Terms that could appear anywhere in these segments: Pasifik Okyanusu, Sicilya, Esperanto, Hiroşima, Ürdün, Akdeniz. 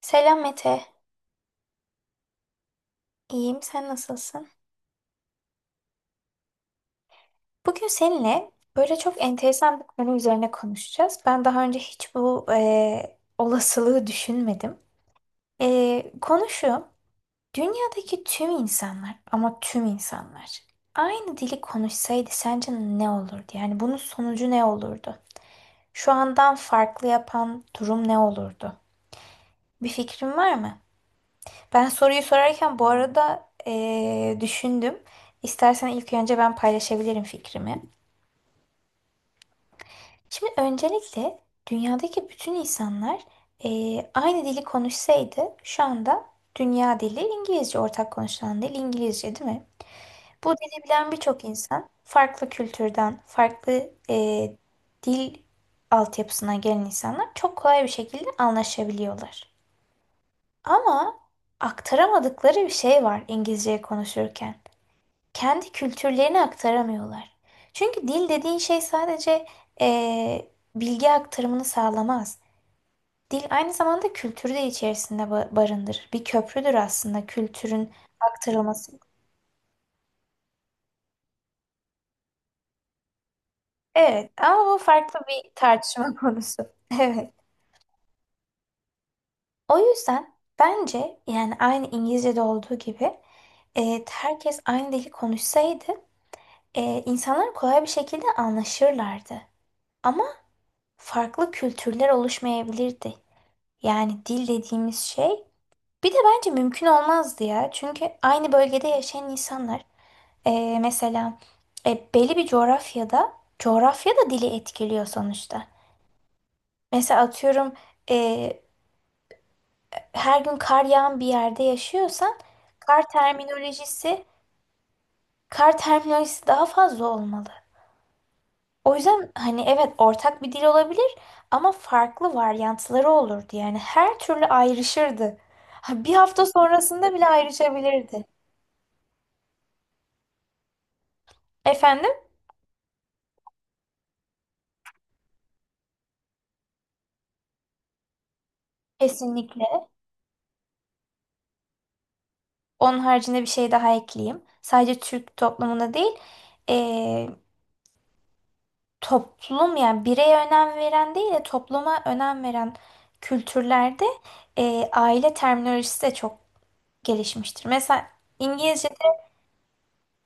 Selam Mete. İyiyim, sen nasılsın? Bugün seninle böyle çok enteresan bir konu üzerine konuşacağız. Ben daha önce hiç bu olasılığı düşünmedim. E, konu şu, dünyadaki tüm insanlar ama tüm insanlar aynı dili konuşsaydı sence ne olurdu? Yani bunun sonucu ne olurdu? Şu andan farklı yapan durum ne olurdu? Bir fikrin var mı? Ben soruyu sorarken bu arada düşündüm. İstersen ilk önce ben paylaşabilirim fikrimi. Şimdi öncelikle dünyadaki bütün insanlar aynı dili konuşsaydı şu anda dünya dili İngilizce, ortak konuşulan dil İngilizce değil mi? Bu dili bilen birçok insan farklı kültürden, farklı eee, dil altyapısına gelen insanlar çok kolay bir şekilde anlaşabiliyorlar. Ama aktaramadıkları bir şey var İngilizce konuşurken. Kendi kültürlerini aktaramıyorlar. Çünkü dil dediğin şey sadece eee, bilgi aktarımını sağlamaz. Dil aynı zamanda kültürü de içerisinde barındırır. Bir köprüdür aslında kültürün aktarılması. Evet, ama bu farklı bir tartışma konusu. Evet. O yüzden bence yani aynı İngilizce'de olduğu gibi herkes aynı dili konuşsaydı insanlar kolay bir şekilde anlaşırlardı. Ama farklı kültürler oluşmayabilirdi. Yani dil dediğimiz şey bir de bence mümkün olmazdı ya. Çünkü aynı bölgede yaşayan insanlar mesela belli bir coğrafyada, coğrafya da dili etkiliyor sonuçta. Mesela atıyorum, e, her gün kar yağan bir yerde yaşıyorsan kar terminolojisi kar terminolojisi daha fazla olmalı. O yüzden hani evet, ortak bir dil olabilir ama farklı varyantları olurdu. Yani her türlü ayrışırdı. Ha, Bir hafta sonrasında bile ayrışabilirdi. Efendim? Kesinlikle. Onun haricinde bir şey daha ekleyeyim. Sadece Türk toplumunda değil, eee, toplum yani bireye önem veren değil de topluma önem veren kültürlerde aile terminolojisi de çok gelişmiştir. Mesela İngilizce,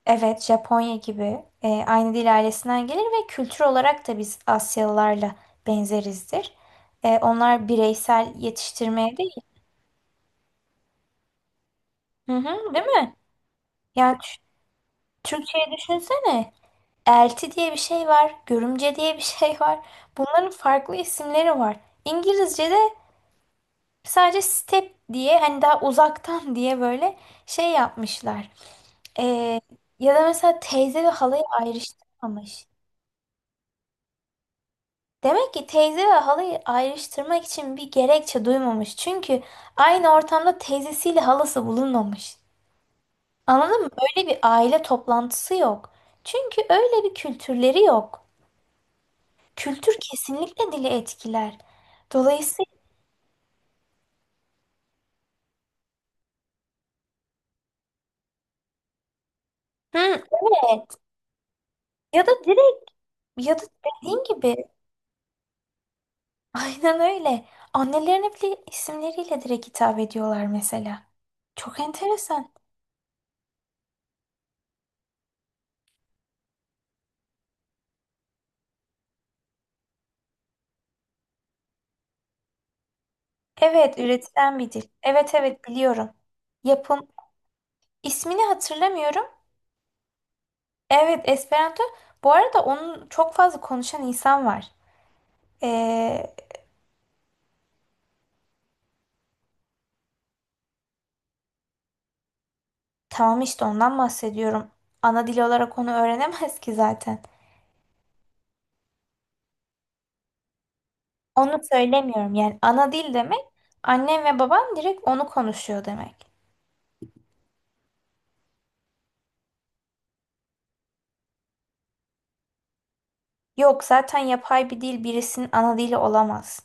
evet Japonya gibi, aynı dil ailesinden gelir ve kültür olarak da biz Asyalılarla benzerizdir. Onlar bireysel yetiştirmeye değil. Hı hı, değil mi? Yani Türkçe'yi düşünsene. Elti diye bir şey var, görümce diye bir şey var. Bunların farklı isimleri var. İngilizce'de sadece step diye, hani daha uzaktan diye böyle şey yapmışlar. Ee, ya da mesela teyze ve halayı ayrıştırmamış. Demek ki teyze ve halayı ayrıştırmak için bir gerekçe duymamış. Çünkü aynı ortamda teyzesiyle halası bulunmamış. Anladın mı? Öyle bir aile toplantısı yok. Çünkü öyle bir kültürleri yok. Kültür kesinlikle dili etkiler. Dolayısıyla hı, evet, ya da direkt, ya da dediğin gibi aynen öyle. Annelerine bile isimleriyle direkt hitap ediyorlar mesela. Çok enteresan. Evet, üretilen bir dil. Evet evet, biliyorum. Yapım ismini hatırlamıyorum. Evet, Esperanto. Bu arada onun çok fazla konuşan insan var. Ee, tamam işte ondan bahsediyorum. Ana dil olarak onu öğrenemez ki zaten. Onu söylemiyorum, yani ana dil demek annem ve babam direkt onu konuşuyor demek. Yok, zaten yapay bir dil birisinin ana dili olamaz.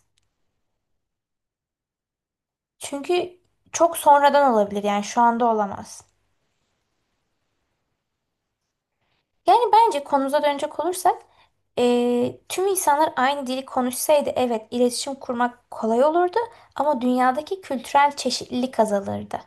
Çünkü çok sonradan olabilir, yani şu anda olamaz. Yani bence konumuza dönecek olursak, tüm insanlar aynı dili konuşsaydı evet, iletişim kurmak kolay olurdu ama dünyadaki kültürel çeşitlilik azalırdı.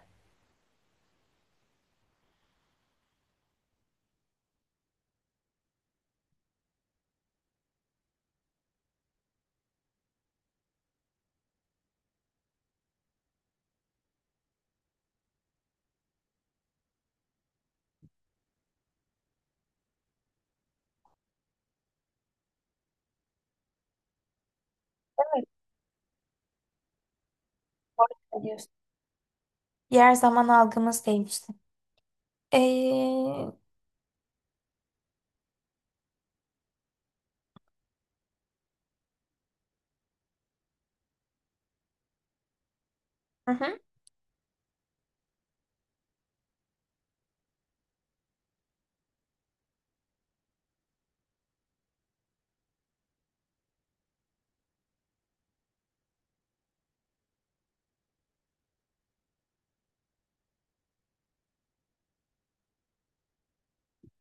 Ne diyorsun? Yer zaman algımız değişti. Eee, hı hı,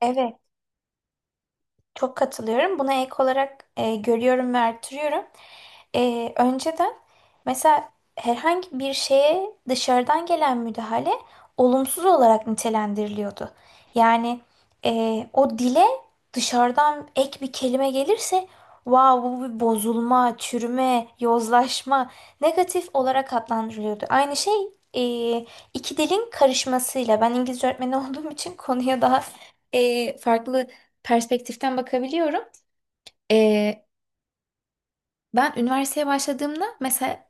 evet. Çok katılıyorum. Buna ek olarak görüyorum ve artırıyorum. Önceden mesela herhangi bir şeye dışarıdan gelen müdahale olumsuz olarak nitelendiriliyordu. Yani e, o dile dışarıdan ek bir kelime gelirse wow, bu bir bozulma, çürüme, yozlaşma, negatif olarak adlandırılıyordu. Aynı şey e, iki dilin karışmasıyla, ben İngilizce öğretmeni olduğum için konuya daha farklı perspektiften bakabiliyorum. E, ben üniversiteye başladığımda mesela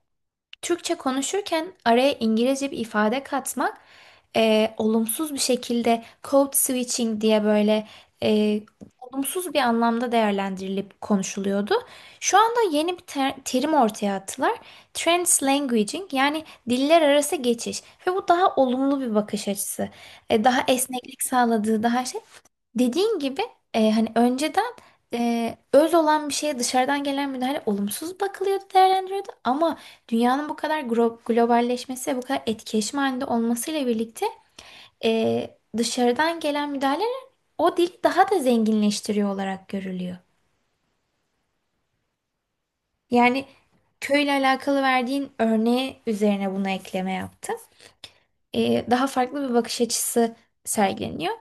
Türkçe konuşurken araya İngilizce bir ifade katmak olumsuz bir şekilde code switching diye böyle e, olumsuz bir anlamda değerlendirilip konuşuluyordu. Şu anda yeni bir terim ortaya attılar. Translanguaging, yani diller arası geçiş ve bu daha olumlu bir bakış açısı. Daha esneklik sağladığı, daha şey. Dediğin gibi hani önceden öz olan bir şeye dışarıdan gelen müdahale olumsuz bakılıyordu, değerlendiriyordu. Ama dünyanın bu kadar globalleşmesi ve bu kadar etkileşim halinde olmasıyla birlikte dışarıdan gelen müdahaleler o dili daha da zenginleştiriyor olarak görülüyor. Yani köyle alakalı verdiğin örneği üzerine buna ekleme yaptım. Daha farklı bir bakış açısı sergileniyor.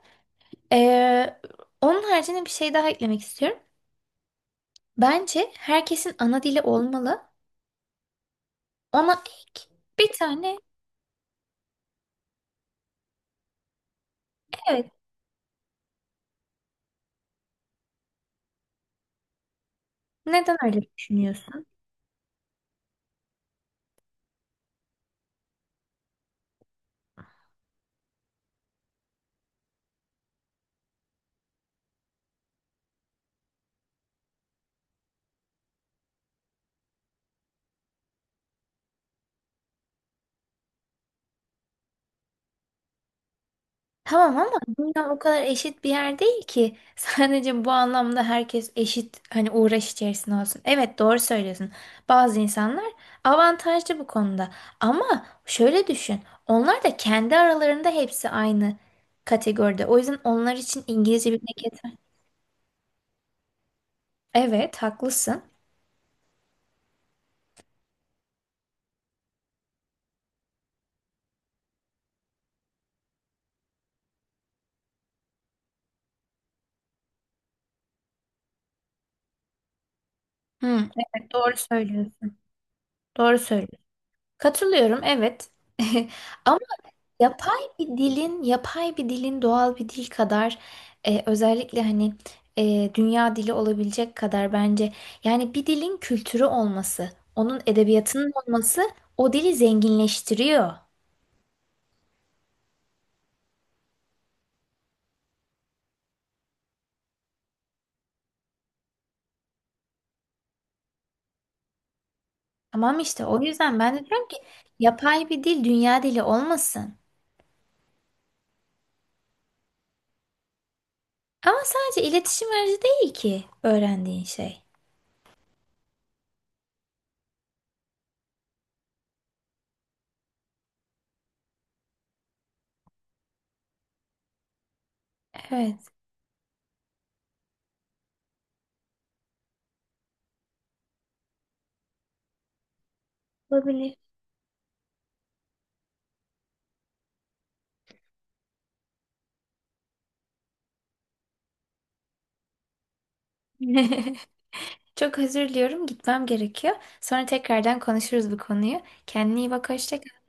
E, onun haricinde bir şey daha eklemek istiyorum. Bence herkesin ana dili olmalı. Ona ek bir tane, evet. Neden öyle düşünüyorsun? Tamam ama dünya o kadar eşit bir yer değil ki. Sadece bu anlamda herkes eşit hani uğraş içerisinde olsun. Evet, doğru söylüyorsun. Bazı insanlar avantajlı bu konuda. Ama şöyle düşün. Onlar da kendi aralarında hepsi aynı kategoride. O yüzden onlar için İngilizce bilmek yeter. Evet, haklısın. Hı, evet, doğru söylüyorsun. Doğru söylüyorsun. Katılıyorum, evet. Ama yapay bir dilin, yapay bir dilin doğal bir dil kadar özellikle hani dünya dili olabilecek kadar bence, yani bir dilin kültürü olması, onun edebiyatının olması o dili zenginleştiriyor. Tamam işte, o yüzden ben de diyorum ki yapay bir dil dünya dili olmasın. Ama sadece iletişim aracı değil ki öğrendiğin şey. Evet, olabilir. Çok özür diliyorum, gitmem gerekiyor. Sonra tekrardan konuşuruz bu konuyu. Kendine iyi bak, hoşça kal.